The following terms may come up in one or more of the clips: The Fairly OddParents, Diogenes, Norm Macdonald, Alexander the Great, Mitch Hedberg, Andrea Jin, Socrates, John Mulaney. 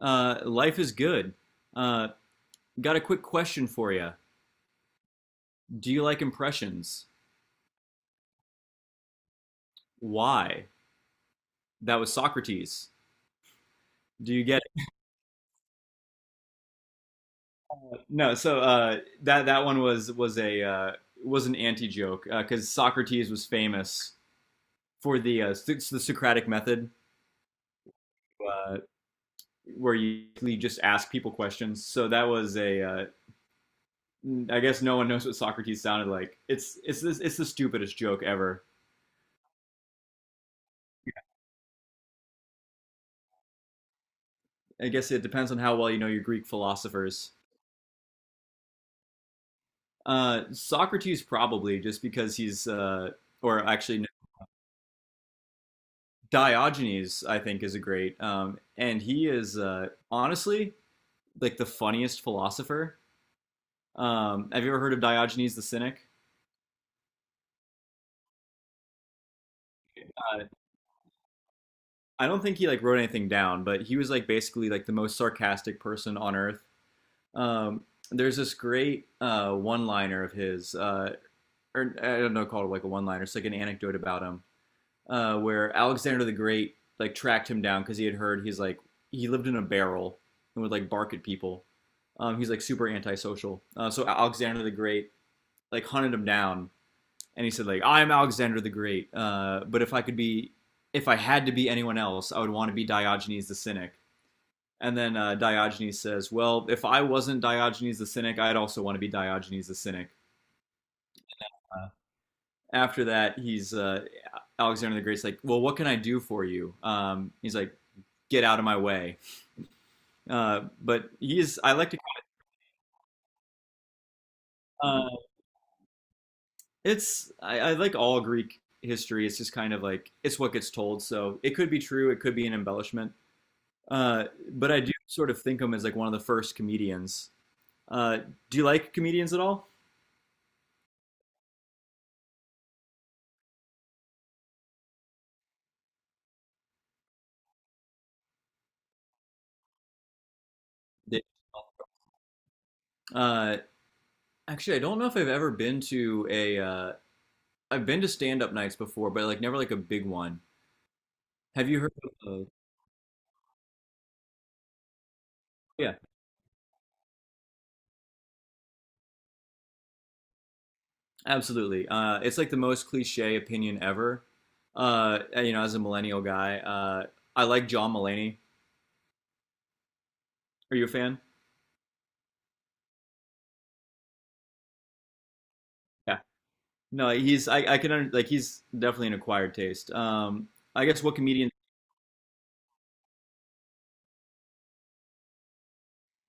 Life is good. Uh, got a quick question for you. Do you like impressions? Why? That was Socrates. Do you get it? No. So that one was a was an anti joke because Socrates was famous for the Socratic method, uh, where you just ask people questions. So that was a. I guess no one knows what Socrates sounded like. It's the stupidest joke ever. I guess it depends on how well you know your Greek philosophers. Socrates probably just because he's or actually no, Diogenes I think is a great and he is honestly like the funniest philosopher. Have you ever heard of Diogenes the Cynic? Uh, I don't think he like wrote anything down, but he was like basically like the most sarcastic person on earth. Um, there's this great one-liner of his, or I don't know, called like a one-liner. It's like an anecdote about him where Alexander the Great like tracked him down because he had heard he's like he lived in a barrel and would like bark at people. He's like super antisocial. So Alexander the Great like hunted him down and he said like I'm Alexander the Great, but if I could be if I had to be anyone else, I would want to be Diogenes the Cynic. And then Diogenes says, "Well, if I wasn't Diogenes the Cynic, I'd also want to be Diogenes the Cynic." After that, he's Alexander the Great's like, "Well, what can I do for you?" He's like, get out of my way. But he's I like to uh, it's I like all Greek history. It's just kind of like it's what gets told. So it could be true. It could be an embellishment. Uh, but I do sort of think him as like one of the first comedians. Uh, do you like comedians at all? Uh, Actually, I don't know if I've ever been to a. I've been to stand up nights before, but like never like a big one. Have you heard? Of Yeah. Absolutely. It's like the most cliche opinion ever. Uh, you know, as a millennial guy, I like John Mulaney. Are you a fan? Yeah. No, he's I can under, like he's definitely an acquired taste. I guess what comedian?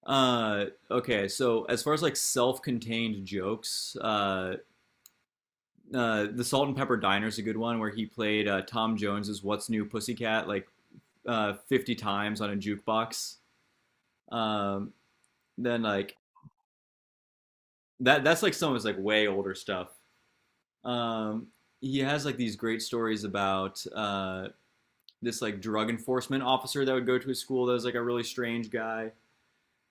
Okay, so as far as like self-contained jokes, the Salt and Pepper Diner is a good one where he played Tom Jones's "What's New, Pussycat" like 50 times on a jukebox. Um, then like that's like some of his like way older stuff. Um, he has like these great stories about this like drug enforcement officer that would go to his school that was like a really strange guy.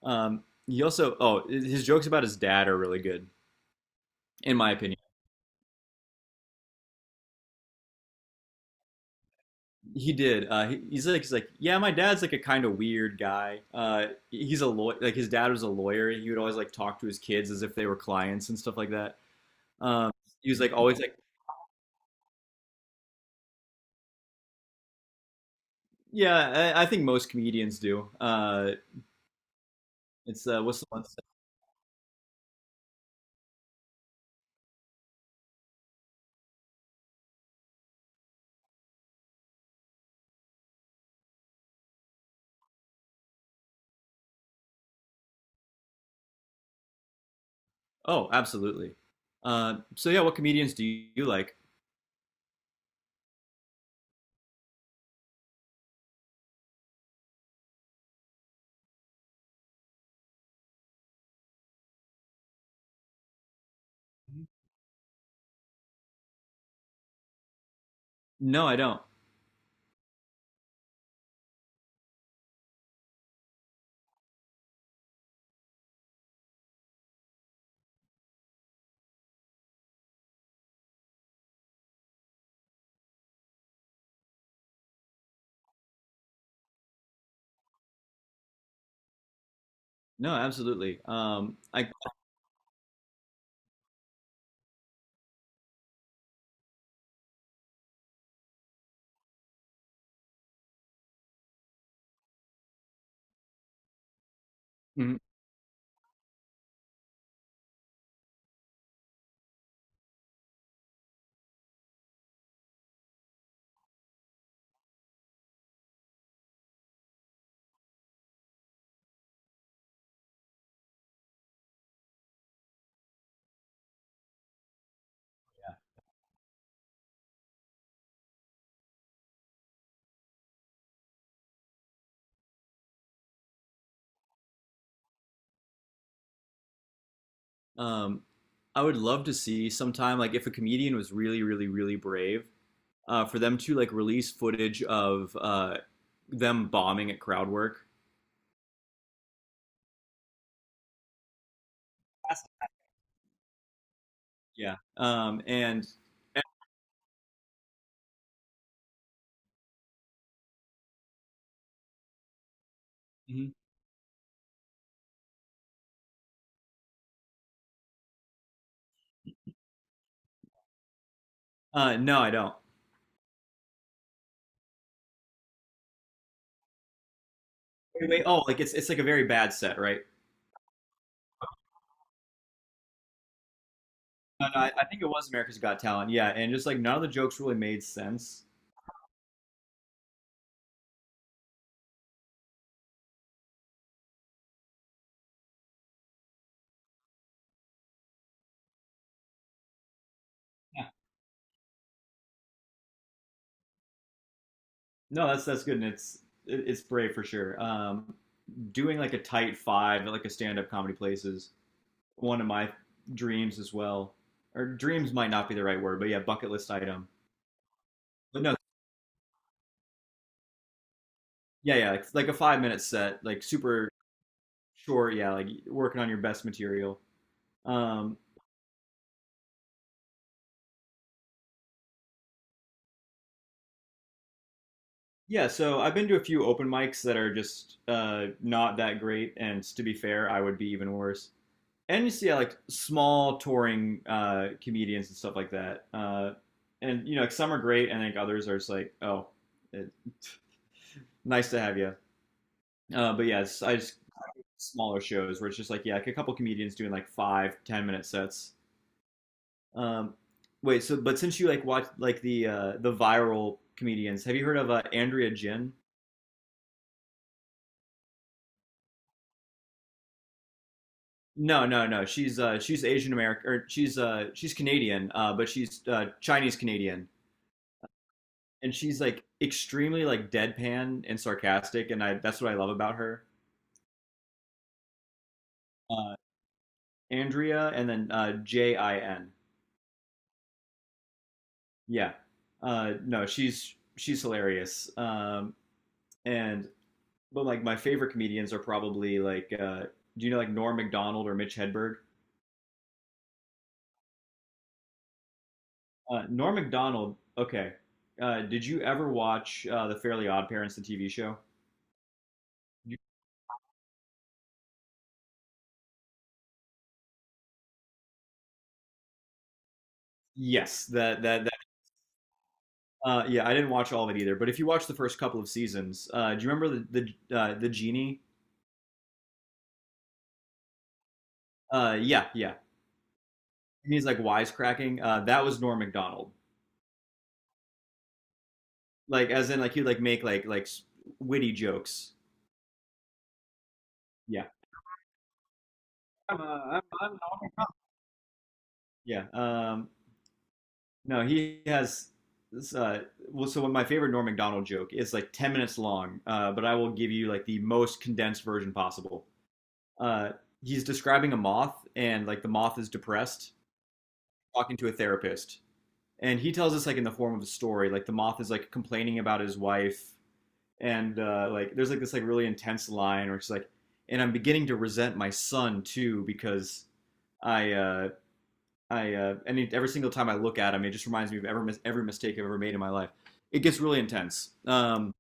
He also oh his jokes about his dad are really good in my opinion. He did. He, he's like yeah, my dad's like a kind of weird guy. He's a lawyer. Like his dad was a lawyer. He would always like talk to his kids as if they were clients and stuff like that. Um, he was like always like yeah. I think most comedians do. It's what's the one oh, absolutely. So yeah, what comedians do you like? No, I don't. No, absolutely. I mhm. um, I would love to see sometime like if a comedian was really, really, really brave, for them to like release footage of them bombing at crowd work. Yeah. And mhm. No, I don't. Wait, wait, oh, like it's like a very bad set, right? No, no, I think it was America's Got Talent. Yeah, and just like none of the jokes really made sense. No, that's good, and it's it's brave for sure. Doing like a tight five at like a stand-up comedy place is one of my dreams as well. Or dreams might not be the right word, but yeah, bucket list item. But no, yeah, yeah, like a five-minute set, like super short. Yeah, like working on your best material. Um, yeah, so I've been to a few open mics that are just not that great, and to be fair, I would be even worse. And you see like small touring comedians and stuff like that. And you know, like, some are great, and I think others are just like, oh, it, nice to have you. But yeah, it's, I just smaller shows where it's just like yeah, like a couple comedians doing like five, 10 minute sets. Um, Wait, so but since you like watch like the viral comedians, have you heard of Andrea Jin? No, no, no. She's Asian American, or she's Canadian, but she's Chinese Canadian. And she's like extremely like deadpan and sarcastic, and I that's what I love about her. Uh, Andrea, and then Jin. Yeah, no, she's hilarious. And but like my favorite comedians are probably like do you know like Norm Macdonald or Mitch Hedberg? Norm Macdonald. Okay, did you ever watch the Fairly Odd Parents, the TV show? Yes, that yeah, I didn't watch all of it either. But if you watch the first couple of seasons, do you remember the genie? Yeah, yeah. And he's like wisecracking. That was Norm Macdonald. Like, as in, like he'd like make like witty jokes. Yeah, I'm not- yeah. No, he has. This, well, so my favorite Norm Macdonald joke is like 10 minutes long, but I will give you like the most condensed version possible. Uh, he's describing a moth, and like the moth is depressed, talking to a therapist, and he tells us like in the form of a story like the moth is like complaining about his wife and like there's like this like really intense line where she's like and I'm beginning to resent my son too because I uh I any every single time I look at him it just reminds me of every mistake I've ever made in my life. It gets really intense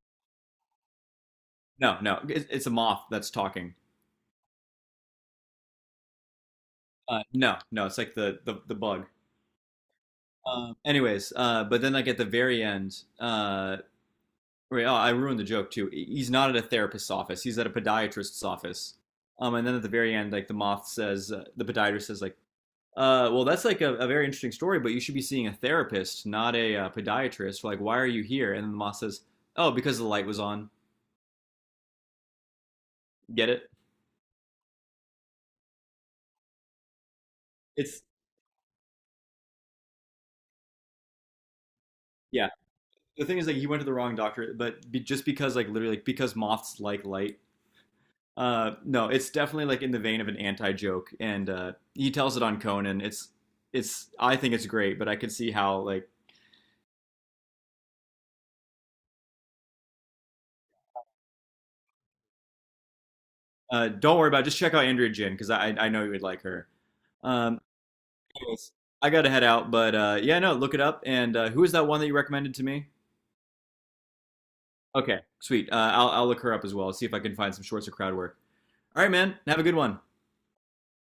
no it, it's a moth that's talking. No, no, it's like the bug. Anyways, but then like at the very end wait, oh, I ruined the joke too. He's not at a therapist's office. He's at a podiatrist's office. And then at the very end, like the moth says, the podiatrist says, like, well, that's like a very interesting story, but you should be seeing a therapist, not a podiatrist. Like, why are you here? And then the moth says, oh, because the light was on. Get it? It's yeah. The thing is, like, he went to the wrong doctor, but be, just because, like, literally, like, because moths like light. No, it's definitely like in the vein of an anti joke, and he tells it on Conan. It's I think it's great, but I could see how like don't worry about it. Just check out Andrea Jin because I know you would like her. Um, Anyways, I got to head out, but yeah, no, look it up. And who is that one that you recommended to me? Okay, sweet. I'll look her up as well. See if I can find some shorts or crowd work. All right, man. Have a good one.